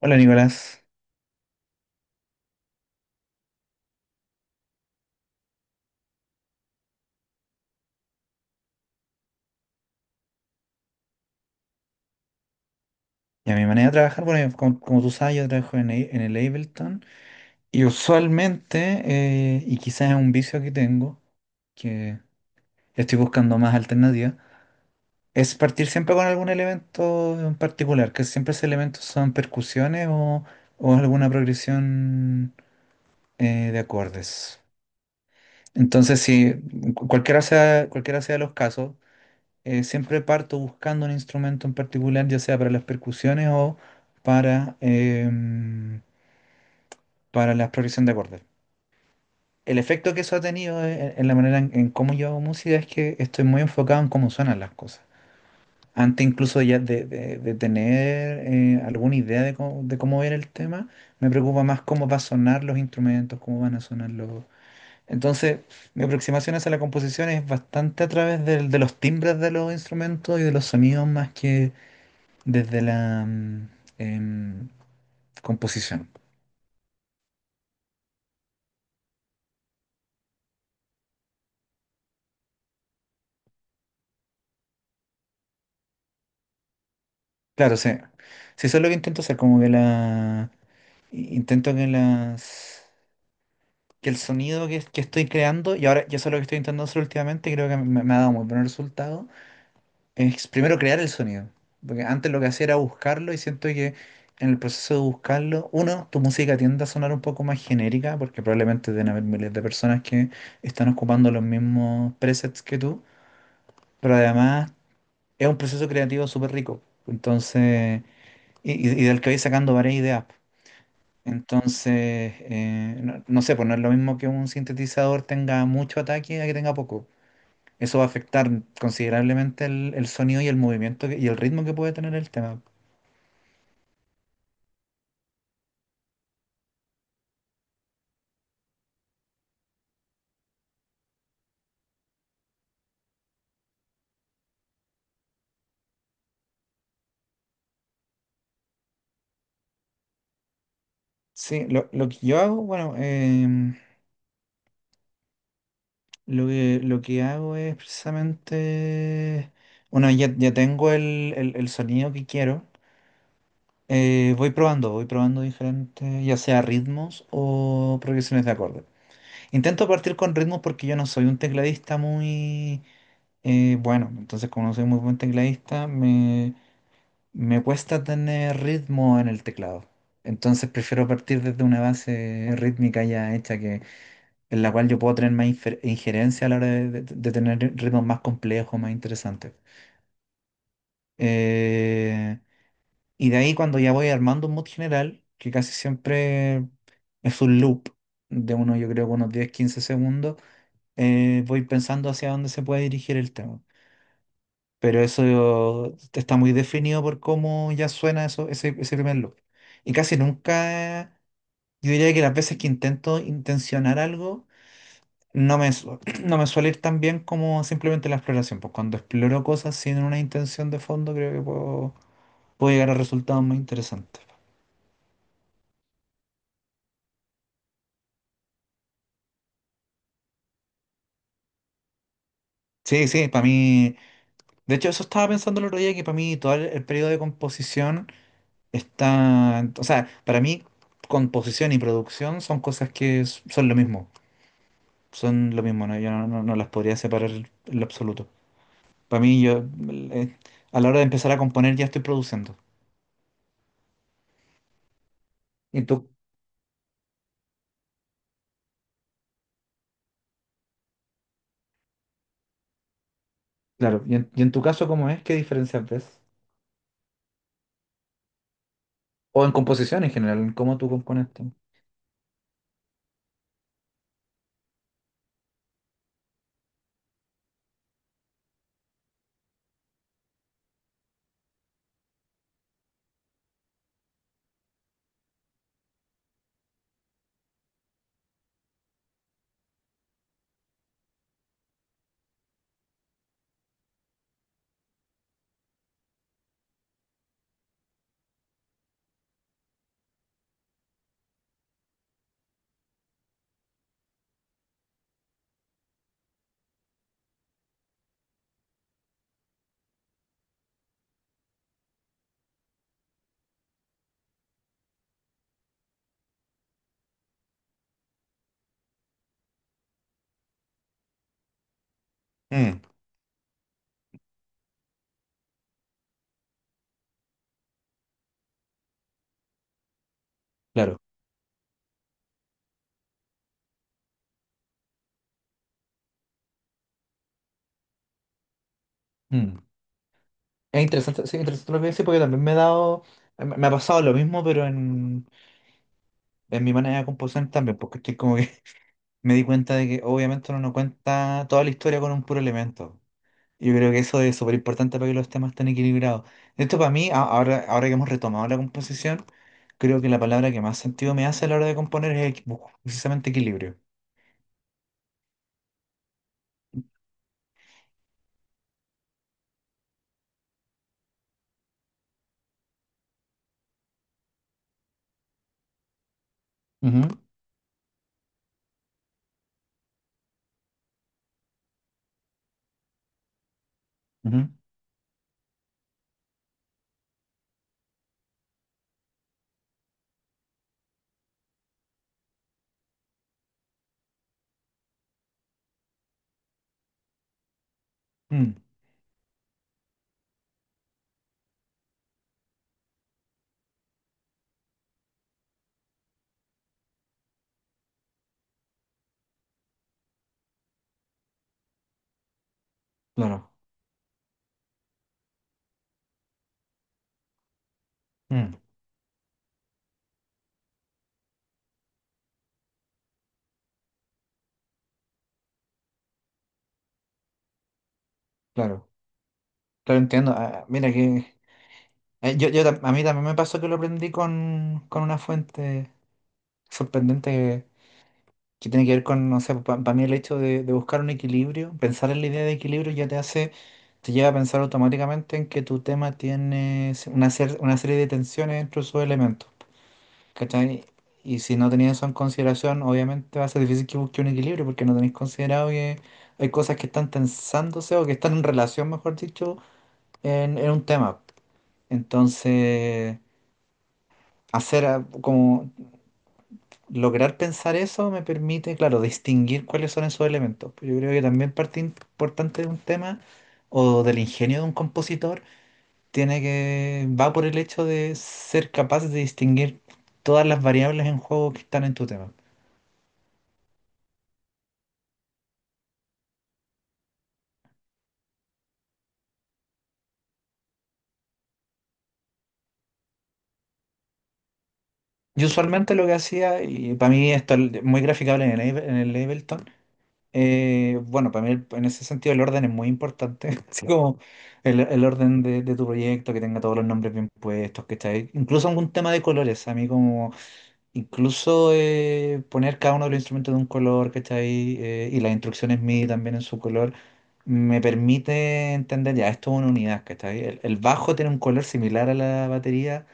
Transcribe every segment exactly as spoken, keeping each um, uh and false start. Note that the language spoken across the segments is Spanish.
Hola, Nicolás. Y a mi manera de trabajar, bueno, yo, como, como tú sabes, yo trabajo en, el- en el Ableton y usualmente, eh, y quizás es un vicio que tengo, que estoy buscando más alternativas, es partir siempre con algún elemento en particular, que siempre esos elementos son percusiones o, o alguna progresión eh, de acordes. Entonces, si cu- cualquiera sea, cualquiera sea los casos, eh, siempre parto buscando un instrumento en particular, ya sea para las percusiones o para, em, para la progresión de acordes. El efecto que eso ha tenido, eh, en, en la manera en, en cómo yo hago música es que estoy muy enfocado en cómo suenan las cosas. Antes, incluso ya de, de- de tener, eh, alguna idea de cómo, de cómo era el tema, me preocupa más cómo va a sonar los instrumentos, cómo van a sonar los... Entonces, mi aproximación hacia la composición es bastante a través del- de los timbres de los instrumentos y de los sonidos más que desde la mm, em, composición. Claro, sí. Sí, eso es lo que intento hacer, como que la... i- Intento que las... que el sonido que, que estoy creando, y ahora, y eso es lo que estoy intentando hacer últimamente, creo que me, me ha dado muy buen resultado, es primero crear el sonido. Porque antes lo que hacía era buscarlo y siento que en el proceso de buscarlo, uno, tu música tiende a sonar un poco más genérica, porque probablemente deben haber miles de personas que están ocupando los mismos presets que tú. Pero además es un proceso creativo súper rico. Entonces, y, y- y del que vais sacando varias ideas. Entonces, eh, no, no sé, pues no es lo mismo que un sintetizador tenga mucho ataque a que tenga poco. Eso va a afectar considerablemente el, el sonido y el movimiento que- y el ritmo que puede tener el tema. Sí, lo, lo que yo hago, bueno, em, lo que, lo que hago es precisamente, bueno, ya, ya tengo el, el, el sonido que quiero. Eh, voy probando, voy probando diferentes, ya sea ritmos o progresiones de acorde. Intento partir con ritmos porque yo no soy un tecladista muy, eh, bueno, entonces como no soy muy buen tecladista, me, me cuesta tener ritmo en el teclado. Entonces prefiero partir desde una base rítmica ya hecha, que, en la cual yo puedo tener más infer- injerencia a la hora de, de- de tener ritmos más complejos, más interesantes. Eh, Y de ahí cuando ya voy armando un mood general, que casi siempre es un loop de uno, yo creo, unos diez quince segundos, eh, voy pensando hacia dónde se puede dirigir el tema. Pero eso está muy definido por cómo ya suena eso, ese, ese primer loop. Y casi nunca, yo diría que las veces que intento intencionar algo, no me, su- no me suele ir tan bien como simplemente la exploración. Pues cuando exploro cosas sin una intención de fondo, creo que puedo, puedo llegar a resultados más interesantes. Sí, sí, para mí. De hecho, eso estaba pensando el otro día, que para mí todo el, el periodo de composición está. O sea, para mí, composición y producción son cosas que s- son lo mismo. Son lo mismo, ¿no? Yo no, no- no las podría separar en lo absoluto. Para mí, yo. mm, eh, a la hora de empezar a componer, ya estoy produciendo. Y tú, claro, y en, y en tu caso, ¿cómo es? ¿Qué diferencia ves? O en composición en general, en cómo tú compones, tú. Mm, claro. Mm. Es interesante, sí, interesante lo que dices porque también me he dado, me, me ha pasado lo mismo, pero en, en mi manera de componer también, porque estoy como que me di cuenta de que obviamente uno no cuenta toda la historia con un puro elemento. Yo creo que eso es súper importante para que los temas estén equilibrados. Esto para mí, a- ahora, ahora que hemos retomado la composición, creo que la palabra que más sentido me hace a la hora de componer es equi- bu- precisamente equilibrio. Ujú, ujú. Mm, claro. Mm, claro, claro, entiendo. Ah, ah, mira que, eh, yo, yo tam- a mí también me pasó que lo aprendí con, con una fuente sorprendente que tiene que ver con, no sé, para mí el hecho de, de buscar un equilibrio. Pensar en la idea de equilibrio ya te hace, te lleva a pensar automáticamente en que tu tema tiene una, cer- una serie de tensiones entre sus elementos, ¿cachai? Y si no tenías eso en consideración, obviamente va a ser difícil que busque un equilibrio porque no tenéis considerado que hay cosas que están tensándose o que están en relación, mejor dicho, en, en un tema. Entonces, hacer a- como lograr pensar eso me permite, claro, distinguir cuáles son esos elementos. Pues yo creo que también parte importante de un tema o del ingenio de un compositor tiene que va por el hecho de ser capaz de distinguir todas las variables en juego que están en tu tema. Yo, usualmente lo que hacía, y para mí esto es muy graficable en el, Ave- en el Ableton. Eh, bueno, para mí el- en ese sentido el orden es muy importante, así como el, el orden de, de tu proyecto, que tenga todos los nombres bien puestos, que está incluso algún tema de colores, a mí como incluso, eh, poner cada uno de los instrumentos de un color, ¿cachai? Eh, y las instrucciones MIDI también en su color, me permite entender, ya, esto es una unidad, ¿cachai? El, el bajo tiene un color similar a la batería,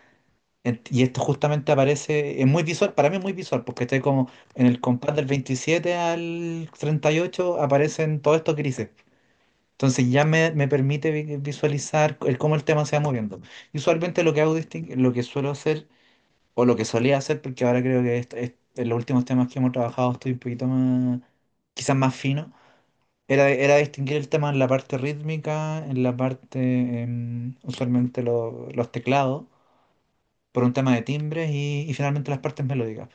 ent- y esto justamente aparece, es muy visual, para mí es muy visual, porque está como en el compás del veintisiete al treinta y ocho aparecen todos estos grises. Entonces ya me, me permite vi- visualizar el, cómo el tema se va moviendo. Y usualmente lo que hago distin- lo que suelo hacer o lo que solía hacer, porque ahora creo que est- est- en los últimos temas que hemos trabajado estoy un poquito más, quizás más fino, era, era distinguir el tema en la parte rítmica, en la parte, em, usualmente lo- los teclados, por un tema de timbres y, y finalmente las partes melódicas.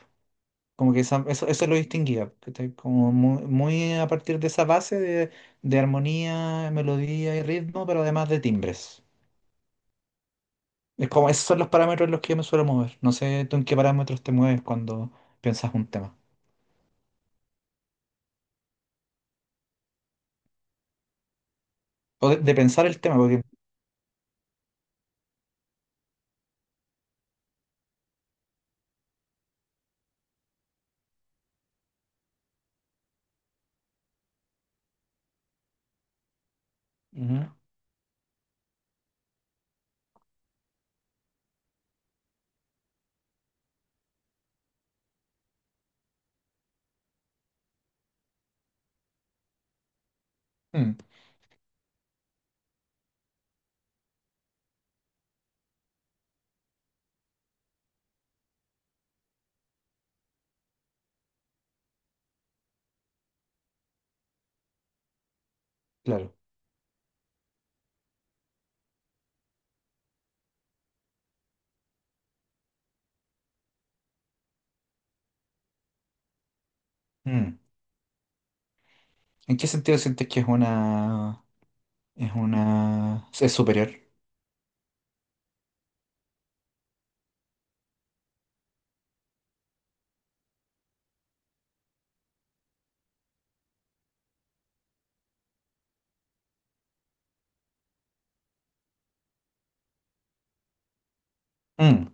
Como que esa- eso, eso lo distinguía, ¿cachai? Como muy, muy a partir de esa base de, de armonía, melodía y ritmo, pero además de timbres. Es como, esos son los parámetros en los que yo me suelo mover. No sé tú en qué parámetros te mueves cuando piensas un tema. O de, de pensar el tema, porque... Ujú. Mm, claro. Mm. ¿En qué sentido sientes que es una... es una... es superior? Mm,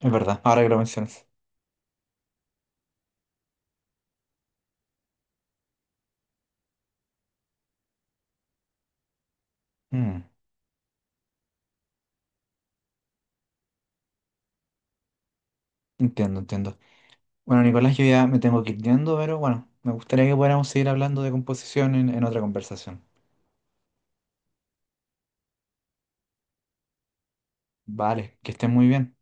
es verdad, ahora que lo mencionas. Mm, entiendo, entiendo. Bueno, Nicolás, yo ya me tengo que ir yendo, pero bueno, me gustaría que pudiéramos seguir hablando de composición en, en otra conversación. Vale, que estén muy bien.